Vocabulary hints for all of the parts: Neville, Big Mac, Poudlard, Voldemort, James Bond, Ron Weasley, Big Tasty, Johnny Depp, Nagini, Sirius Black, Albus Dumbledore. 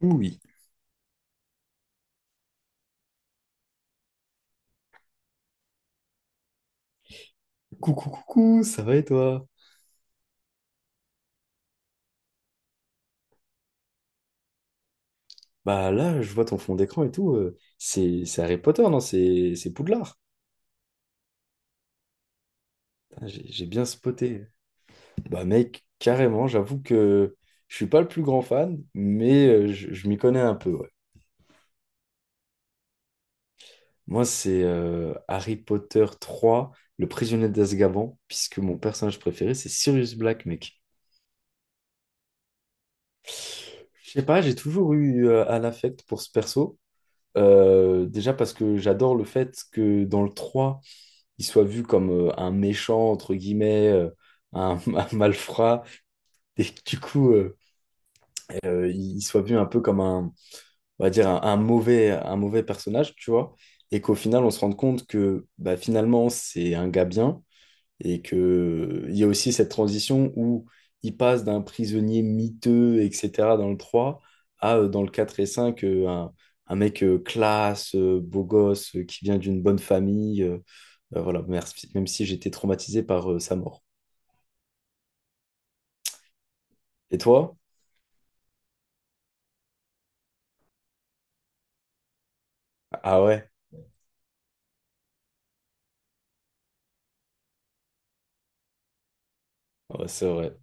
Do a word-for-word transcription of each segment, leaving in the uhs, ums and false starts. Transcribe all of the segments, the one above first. Oui. Coucou, coucou, ça va et toi? Bah là, je vois ton fond d'écran et tout. euh, c'est c'est Harry Potter, non? C'est c'est Poudlard. Putain, J'ai j'ai bien spoté. Bah mec, carrément, j'avoue que je suis pas le plus grand fan, mais euh, je, je m'y connais un peu, ouais. Moi, c'est euh, Harry Potter trois, le prisonnier d'Azkaban, puisque mon personnage préféré, c'est Sirius Black, mec. Je sais pas, j'ai toujours eu euh, un affect pour ce perso. Euh, déjà parce que j'adore le fait que dans le trois. Il soit vu comme euh, un méchant, entre guillemets, euh, un, un malfrat, et que du coup, euh, euh, il soit vu un peu comme un, on va dire, un, un mauvais, un mauvais personnage, tu vois, et qu'au final, on se rende compte que bah, finalement, c'est un gars bien, et que il y a aussi cette transition où il passe d'un prisonnier miteux, et cetera, dans le trois à, euh, dans le quatre et cinq euh, un, un mec euh, classe, euh, beau gosse, euh, qui vient d'une bonne famille, euh, ben voilà, merci, même si j'étais traumatisé par euh, sa mort. Et toi? Ah ouais. Ouais, c'est vrai.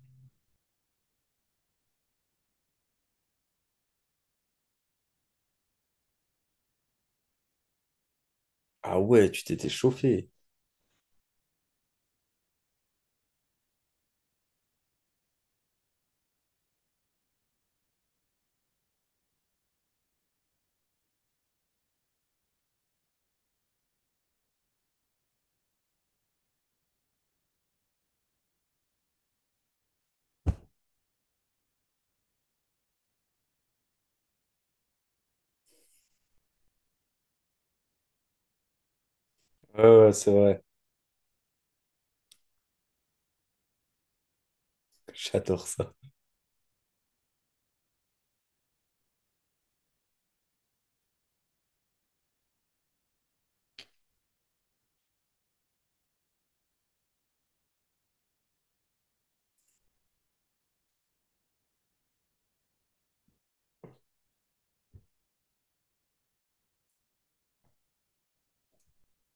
Ah ouais, tu t'étais chauffé. Ouais, ouais, c'est vrai. J'adore ça.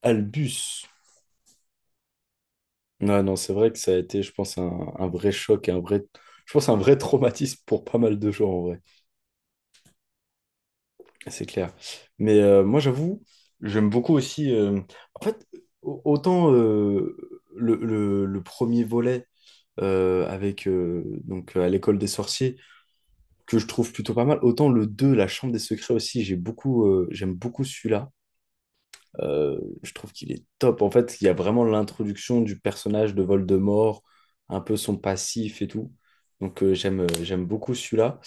Albus. Non, non, c'est vrai que ça a été, je pense, un, un vrai choc, et un vrai, je pense, un vrai traumatisme pour pas mal de gens, en vrai. C'est clair. Mais euh, moi, j'avoue, j'aime beaucoup aussi. euh, En fait, au- autant euh, le, le- le premier volet euh, avec euh, donc à l'école des sorciers. Que je trouve plutôt pas mal. Autant le deux La Chambre des Secrets aussi, j'ai beaucoup, euh, j'aime beaucoup celui-là. Euh, je trouve qu'il est top. En fait, il y a vraiment l'introduction du personnage de Voldemort, un peu son passif et tout. Donc euh, j'aime, euh, j'aime beaucoup celui-là.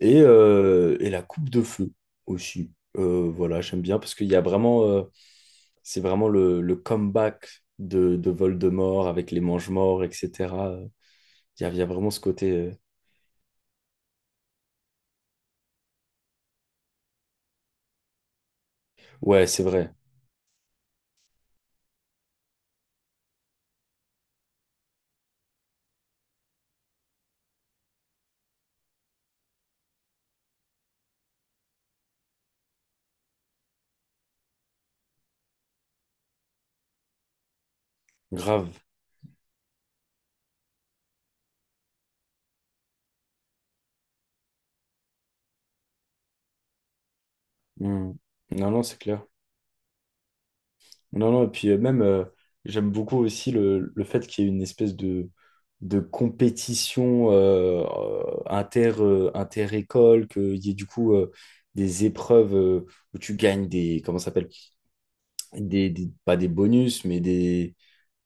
Et, euh, et La Coupe de Feu aussi. Euh, voilà, j'aime bien parce qu'il y a vraiment, euh, c'est vraiment le, le comeback de, de Voldemort avec les Mangemorts, et cetera. Il y a, il y a vraiment ce côté. Euh, Ouais, c'est vrai. Grave. Hmm. Non, non, c'est clair. Non, non, et puis euh, même, euh, j'aime beaucoup aussi le, le fait qu'il y ait une espèce de, de compétition euh, euh, inter, euh, inter-école, qu'il y ait du coup euh, des épreuves euh, où tu gagnes des, comment ça s'appelle, des, des- pas des bonus, mais des,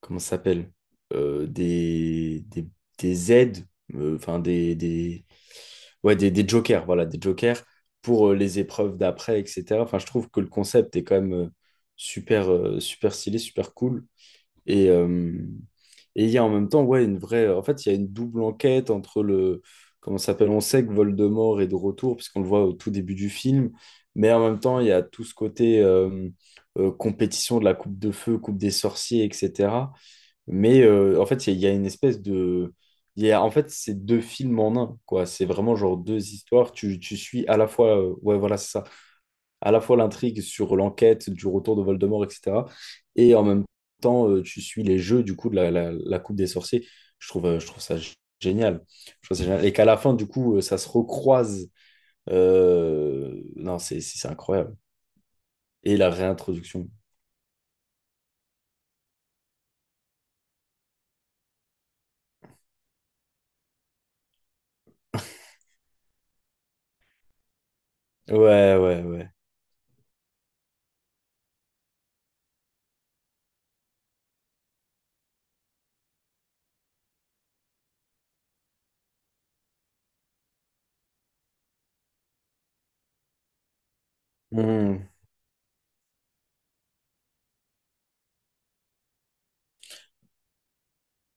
comment ça s'appelle? Euh, des, des, des aides, euh, enfin des, des, ouais, des, des jokers, voilà, des jokers pour euh, les épreuves d'après, et cetera. Enfin, je trouve que le concept est quand même euh, super, euh, super stylé, super cool. Et, euh, et il y a en même temps, ouais, une vraie. En fait, il y a une double enquête entre le. Comment ça s'appelle? On sait que Voldemort est de retour, puisqu'on le voit au tout début du film. Mais en même temps, il y a tout ce côté euh, euh, compétition de la coupe de feu, coupe des sorciers, et cetera. Mais euh, en fait, il y, a il y a une espèce de… Il y a, en fait, c'est deux films en un, quoi. C'est vraiment genre deux histoires. Tu, tu suis à la fois… euh, ouais, voilà, c'est ça. À la fois l'intrigue sur l'enquête du retour de Voldemort, et cetera. Et en même temps, euh, tu suis les jeux, du coup, de la, la, la Coupe des Sorciers. Je trouve, euh, je trouve ça g- génial. Je trouve ça génial. Et qu'à la fin, du coup, euh, ça se recroise. Euh, Non, c'est c'est- c'est incroyable. Et la réintroduction. Ouais, ouais, ouais.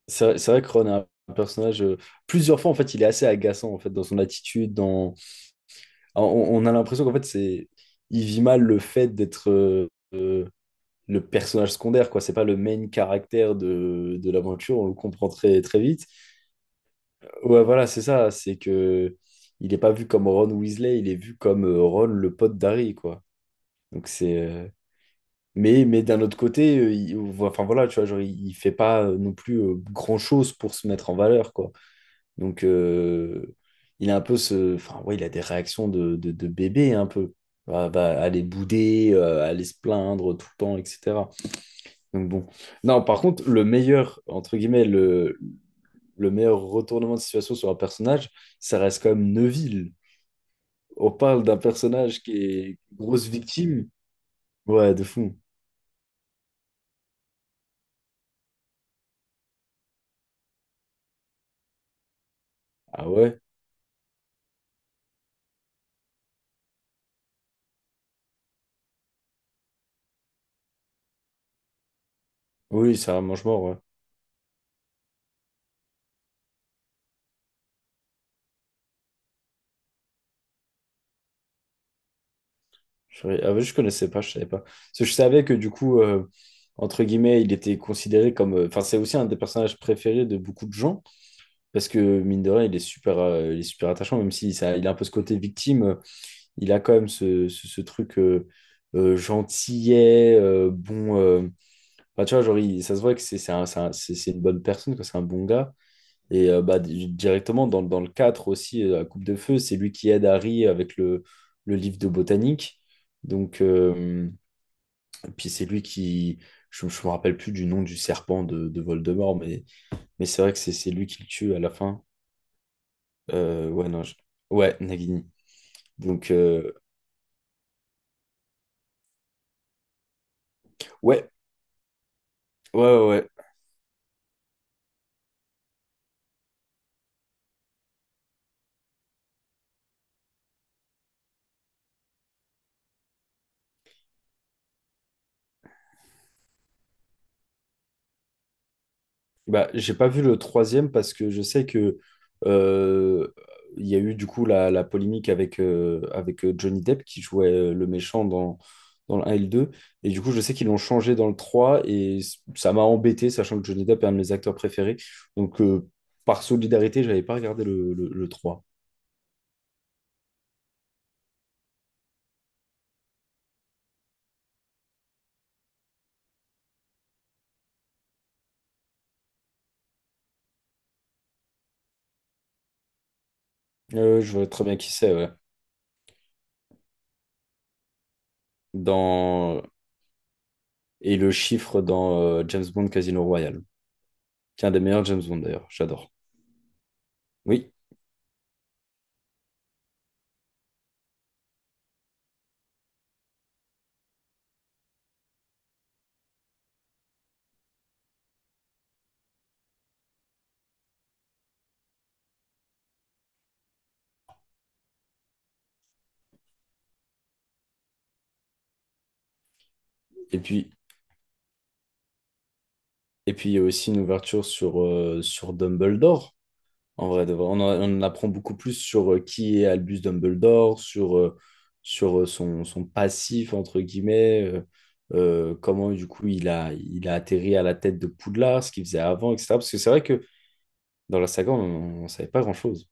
C'est vrai, c'est vrai que Ron est un un personnage, euh, plusieurs fois, en fait, il est assez agaçant, en fait, dans son attitude, dans… ah, On, on a l'impression qu'en fait, c'est… Il vit mal le fait d'être euh, euh, le personnage secondaire, quoi. C'est pas le main caractère de, de l'aventure, on le comprend très, très vite. Ouais, voilà, c'est ça, c'est que… Il n'est pas vu comme Ron Weasley, il est vu comme euh, Ron, le pote d'Harry, quoi. Donc c'est… euh, Mais, mais d'un autre côté, euh, il… Enfin voilà, tu vois, genre, il, il fait pas euh, non plus euh, grand-chose pour se mettre en valeur, quoi. Donc, euh, il a un peu ce. Enfin, ouais, il a des réactions de, de, de bébé, un peu. Va, va aller bouder, euh, aller se plaindre tout le temps, et cetera. Donc, bon. Non, par contre, le meilleur, entre guillemets, le, le meilleur retournement de situation sur un personnage, ça reste quand même Neville. On parle d'un personnage qui est grosse victime. Ouais, de fou. Ah ouais? Oui, c'est un mange-mort, ouais. Je, ah ouais, je connaissais pas, je savais pas. Parce que je savais que du coup, euh, entre guillemets, il était considéré comme. Euh, enfin, c'est aussi un des personnages préférés de beaucoup de gens. Parce que mine de rien, il est super, euh, il est super attachant, même si ça, il a un peu ce côté victime. euh, Il a quand même ce, ce, ce truc euh, euh, gentillet, euh, bon. Euh, bah, tu vois, genre, il- ça se voit que c'est c'est un- c'est un- c'est- c'est une bonne personne, que c'est un bon gars. Et euh, bah, di- directement, dans, dans le quatre aussi, euh, la Coupe de Feu, c'est lui qui aide Harry avec le, le livre de botanique. Donc. Euh, puis c'est lui qui, je, je me rappelle plus du nom du serpent de, de Voldemort, mais, mais c'est vrai que c'est c'est lui qui le tue à la fin. Euh, ouais, non, je- ouais, Nagini. Donc, euh, ouais, ouais, ouais, ouais. Bah, j'ai pas vu le troisième parce que je sais que euh, il y a eu du coup la, la polémique avec, euh, avec euh, Johnny Depp qui jouait euh, le méchant dans, dans le un et le deux. Et du coup, je sais qu'ils l'ont changé dans le trois et c- ça m'a embêté, sachant que Johnny Depp est un de mes acteurs préférés. Donc, euh, par solidarité, j'avais pas regardé le, le, le trois. Euh, je vois très bien qui c'est, ouais. Dans… Et le chiffre dans euh, James Bond Casino Royale, qui est un des meilleurs James Bond d'ailleurs, j'adore. Oui. Et puis, et puis, il y a aussi une ouverture sur, euh, sur Dumbledore. En vrai, de vrai. On, en on en apprend beaucoup plus sur euh, qui est Albus Dumbledore, sur, euh, sur euh, son, son passif, entre guillemets, euh, euh, comment du coup il a, il a atterri à la tête de Poudlard, ce qu'il faisait avant, et cetera. Parce que c'est vrai que dans la saga, on ne savait pas grand-chose.